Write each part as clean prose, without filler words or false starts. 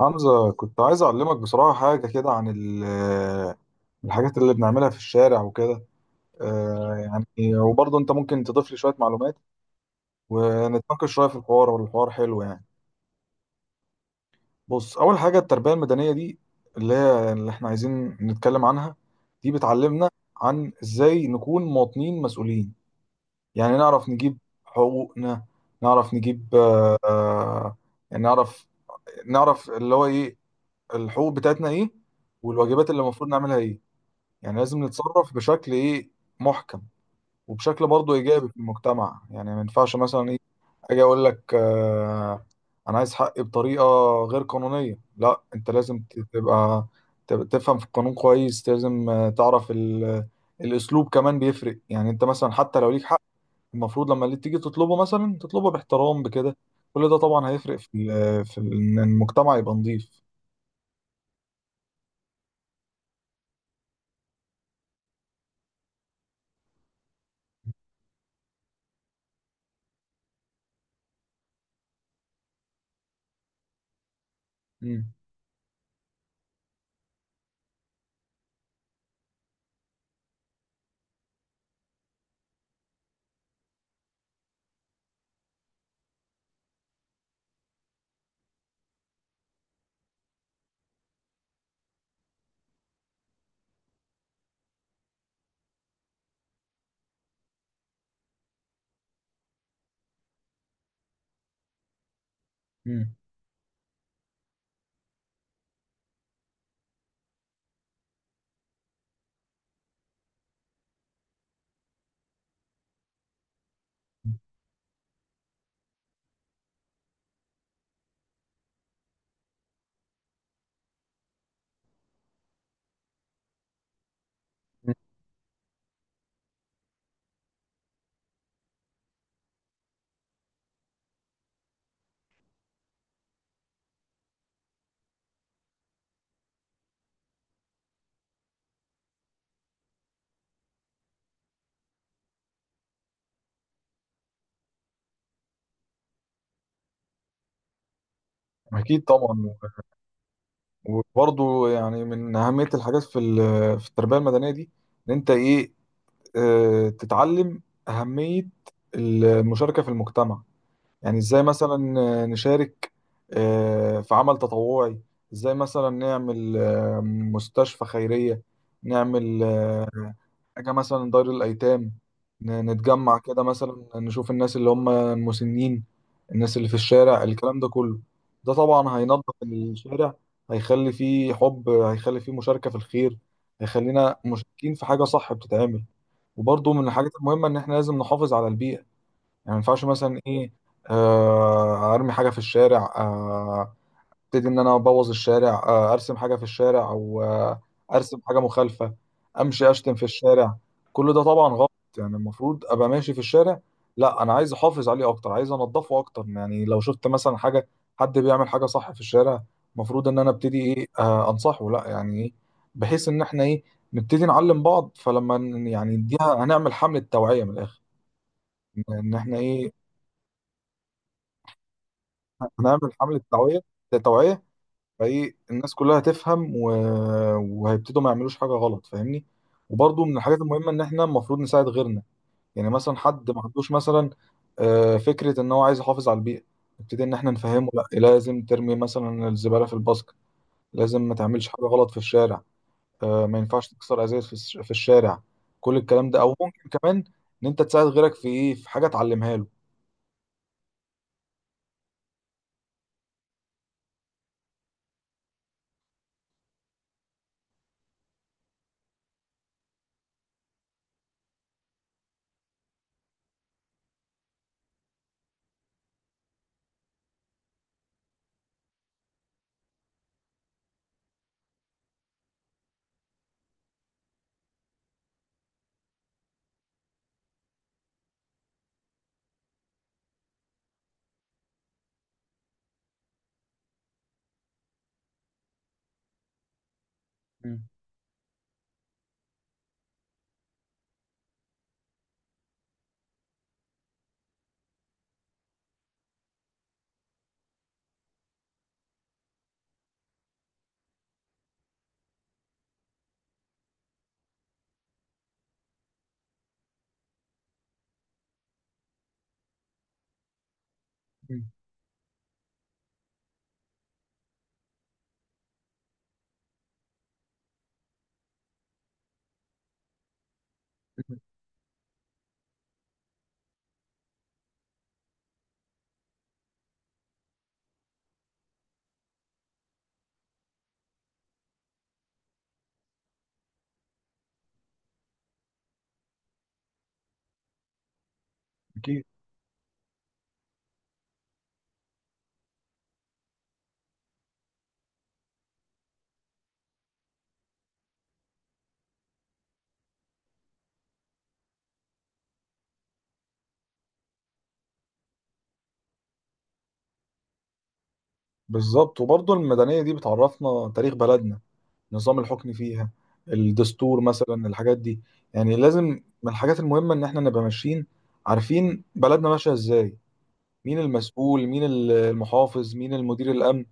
حمزة، كنت عايز أعلمك بصراحة حاجة كده عن الحاجات اللي بنعملها في الشارع وكده. آه، يعني وبرضه أنت ممكن تضيف لي شوية معلومات ونتناقش شوية في الحوار، والحوار حلو يعني. بص، أول حاجة التربية المدنية دي اللي هي اللي إحنا عايزين نتكلم عنها، دي بتعلمنا عن إزاي نكون مواطنين مسؤولين. يعني نعرف نجيب حقوقنا، نعرف نجيب يعني نعرف، اللي هو إيه الحقوق بتاعتنا إيه والواجبات اللي المفروض نعملها إيه. يعني لازم نتصرف بشكل ايه محكم، وبشكل برضه ايجابي في المجتمع. يعني ما ينفعش مثلا ايه اجي اقول لك انا عايز حقي بطريقه غير قانونيه. لا، انت لازم تبقى تفهم في القانون كويس. لازم تعرف الاسلوب كمان بيفرق. يعني انت مثلا حتى لو ليك حق، المفروض لما اللي تيجي تطلبه مثلا تطلبه باحترام بكده. كل ده طبعا هيفرق في ان المجتمع يبقى نظيف. مم. مم. مم. اكيد طبعا. وبرضه يعني من أهمية الحاجات في التربية المدنية دي، إن أنت إيه تتعلم أهمية المشاركة في المجتمع. يعني إزاي مثلا نشارك في عمل تطوعي. إزاي مثلا نعمل مستشفى خيرية، نعمل حاجة مثلا دار الأيتام. نتجمع كده مثلا، نشوف الناس اللي هم المسنين، الناس اللي في الشارع، الكلام ده كله. ده طبعا هينظف الشارع، هيخلي فيه حب، هيخلي فيه مشاركة في الخير، هيخلينا مشاركين في حاجة صح بتتعمل. وبرضه من الحاجات المهمة إن إحنا لازم نحافظ على البيئة. يعني ما ينفعش مثلا إيه أرمي حاجة في الشارع، ابتدي ان انا ابوظ الشارع، ارسم حاجه في الشارع، او ارسم حاجه مخالفه، امشي اشتم في الشارع. كل ده طبعا غلط. يعني المفروض ابقى ماشي في الشارع، لا انا عايز احافظ عليه اكتر، عايز انضفه اكتر. يعني لو شفت مثلا حاجه، حد بيعمل حاجه صح في الشارع، المفروض ان انا ابتدي ايه انصحه. لا يعني ايه، بحيث ان احنا ايه، نبتدي نعلم بعض. فلما يعني نديها، هنعمل حمله توعيه من الاخر ان إن احنا ايه، هنعمل حمله توعيه توعيه. فايه الناس كلها هتفهم و... وهيبتدوا ما يعملوش حاجه غلط، فاهمني. وبرضه من الحاجات المهمه ان احنا المفروض نساعد غيرنا. يعني مثلا حد ما عندوش مثلا فكره ان هو عايز يحافظ على البيئه، نبتدي ان احنا نفهمه. لا، لازم ترمي مثلا الزباله في الباسكت، لازم ما تعملش حاجه غلط في الشارع، ما ينفعش تكسر ازايز في الشارع. كل الكلام ده، او ممكن كمان ان انت تساعد غيرك في ايه، في حاجه تعلمها له. مم. مم. أكيد. بالظبط. وبرضه المدنية دي بتعرفنا تاريخ بلدنا، نظام الحكم فيها، الدستور مثلا، الحاجات دي. يعني لازم من الحاجات المهمة ان احنا نبقى ماشيين عارفين بلدنا ماشية ازاي، مين المسؤول، مين المحافظ، مين المدير الامن.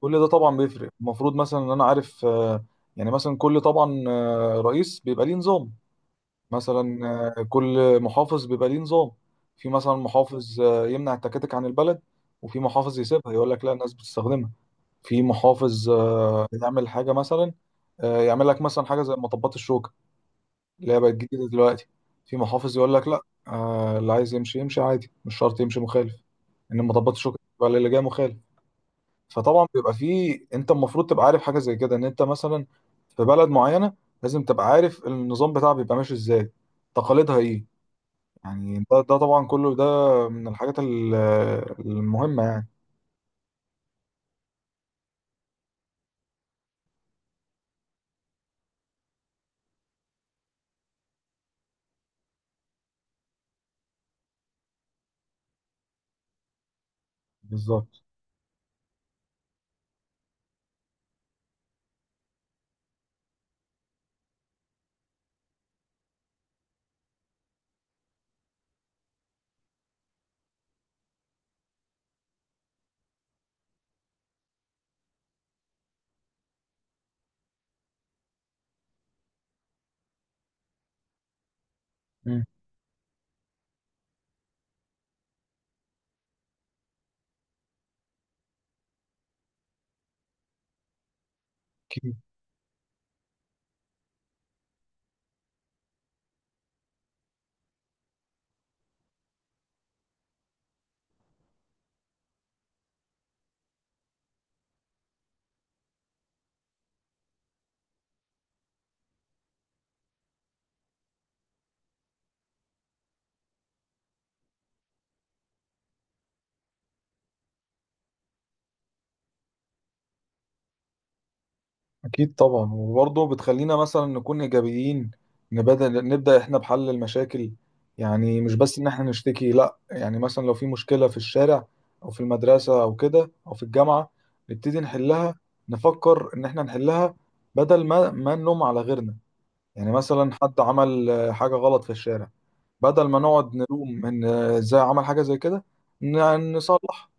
كل ده طبعا بيفرق. المفروض مثلا ان انا عارف يعني مثلا كل طبعا رئيس بيبقى ليه نظام. مثلا كل محافظ بيبقى ليه نظام. في مثلا محافظ يمنع التكاتك عن البلد، وفي محافظ يسيبها يقول لك لا الناس بتستخدمها. في محافظ يعمل حاجة مثلا، يعمل لك مثلا حاجة زي مطبات الشوكة اللي هي بقت جديدة دلوقتي. في محافظ يقول لك لا، اللي عايز يمشي يمشي عادي، مش شرط يمشي مخالف ان مطبات الشوكة بقى اللي جاي مخالف. فطبعا بيبقى في، انت المفروض تبقى عارف حاجة زي كده ان انت مثلا في بلد معينة، لازم تبقى عارف النظام بتاعها بيبقى ماشي ازاي، تقاليدها ايه. يعني ده طبعا كله ده من الحاجات المهمة يعني. بالظبط. مم. أكيد طبعا. وبرضه بتخلينا مثلا نكون إيجابيين، نبدأ إحنا بحل المشاكل. يعني مش بس إن إحنا نشتكي، لأ. يعني مثلا لو في مشكلة في الشارع أو في المدرسة أو كده أو في الجامعة، نبتدي نحلها، نفكر إن إحنا نحلها بدل ما نلوم على غيرنا. يعني مثلا حد عمل حاجة غلط في الشارع، بدل ما نقعد نلوم إن إزاي عمل حاجة زي كده، نصلح.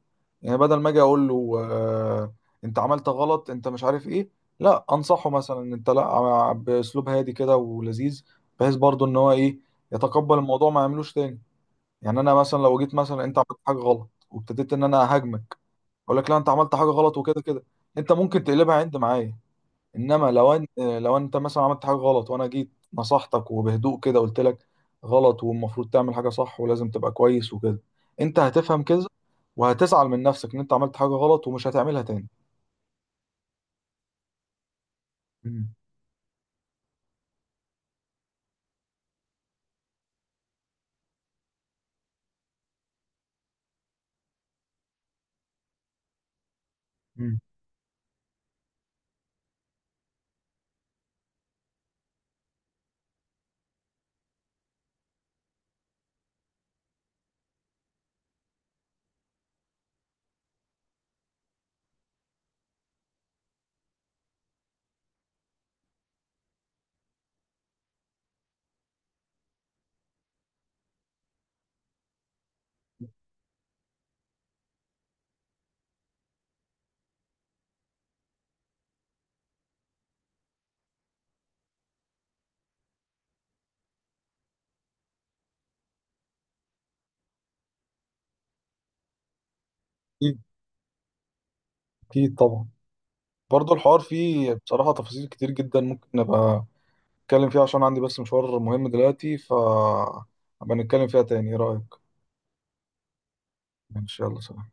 يعني بدل ما اجي اقول له انت عملت غلط انت مش عارف ايه. لا، انصحه مثلا انت لا باسلوب هادي كده ولذيذ، بحيث برضو ان هو ايه يتقبل الموضوع ما يعملوش تاني. يعني انا مثلا لو جيت مثلا انت عملت حاجه غلط وابتديت ان انا اهاجمك، اقول لك لا انت عملت حاجه غلط وكده كده، انت ممكن تقلبها عند معايا. انما لو انت مثلا عملت حاجه غلط وانا جيت نصحتك، وبهدوء كده قلت لك غلط، والمفروض تعمل حاجه صح ولازم تبقى كويس وكده، انت هتفهم كده وهتزعل من نفسك ان انت عملت حاجه غلط ومش هتعملها تاني. مم. مم. اكيد. اكيد طبعا. برضه الحوار فيه بصراحه تفاصيل كتير جدا، ممكن ابقى اتكلم فيها، عشان عندي بس مشوار مهم دلوقتي، ف هبقى نتكلم فيها تاني، ايه رايك؟ ان شاء الله، سلام.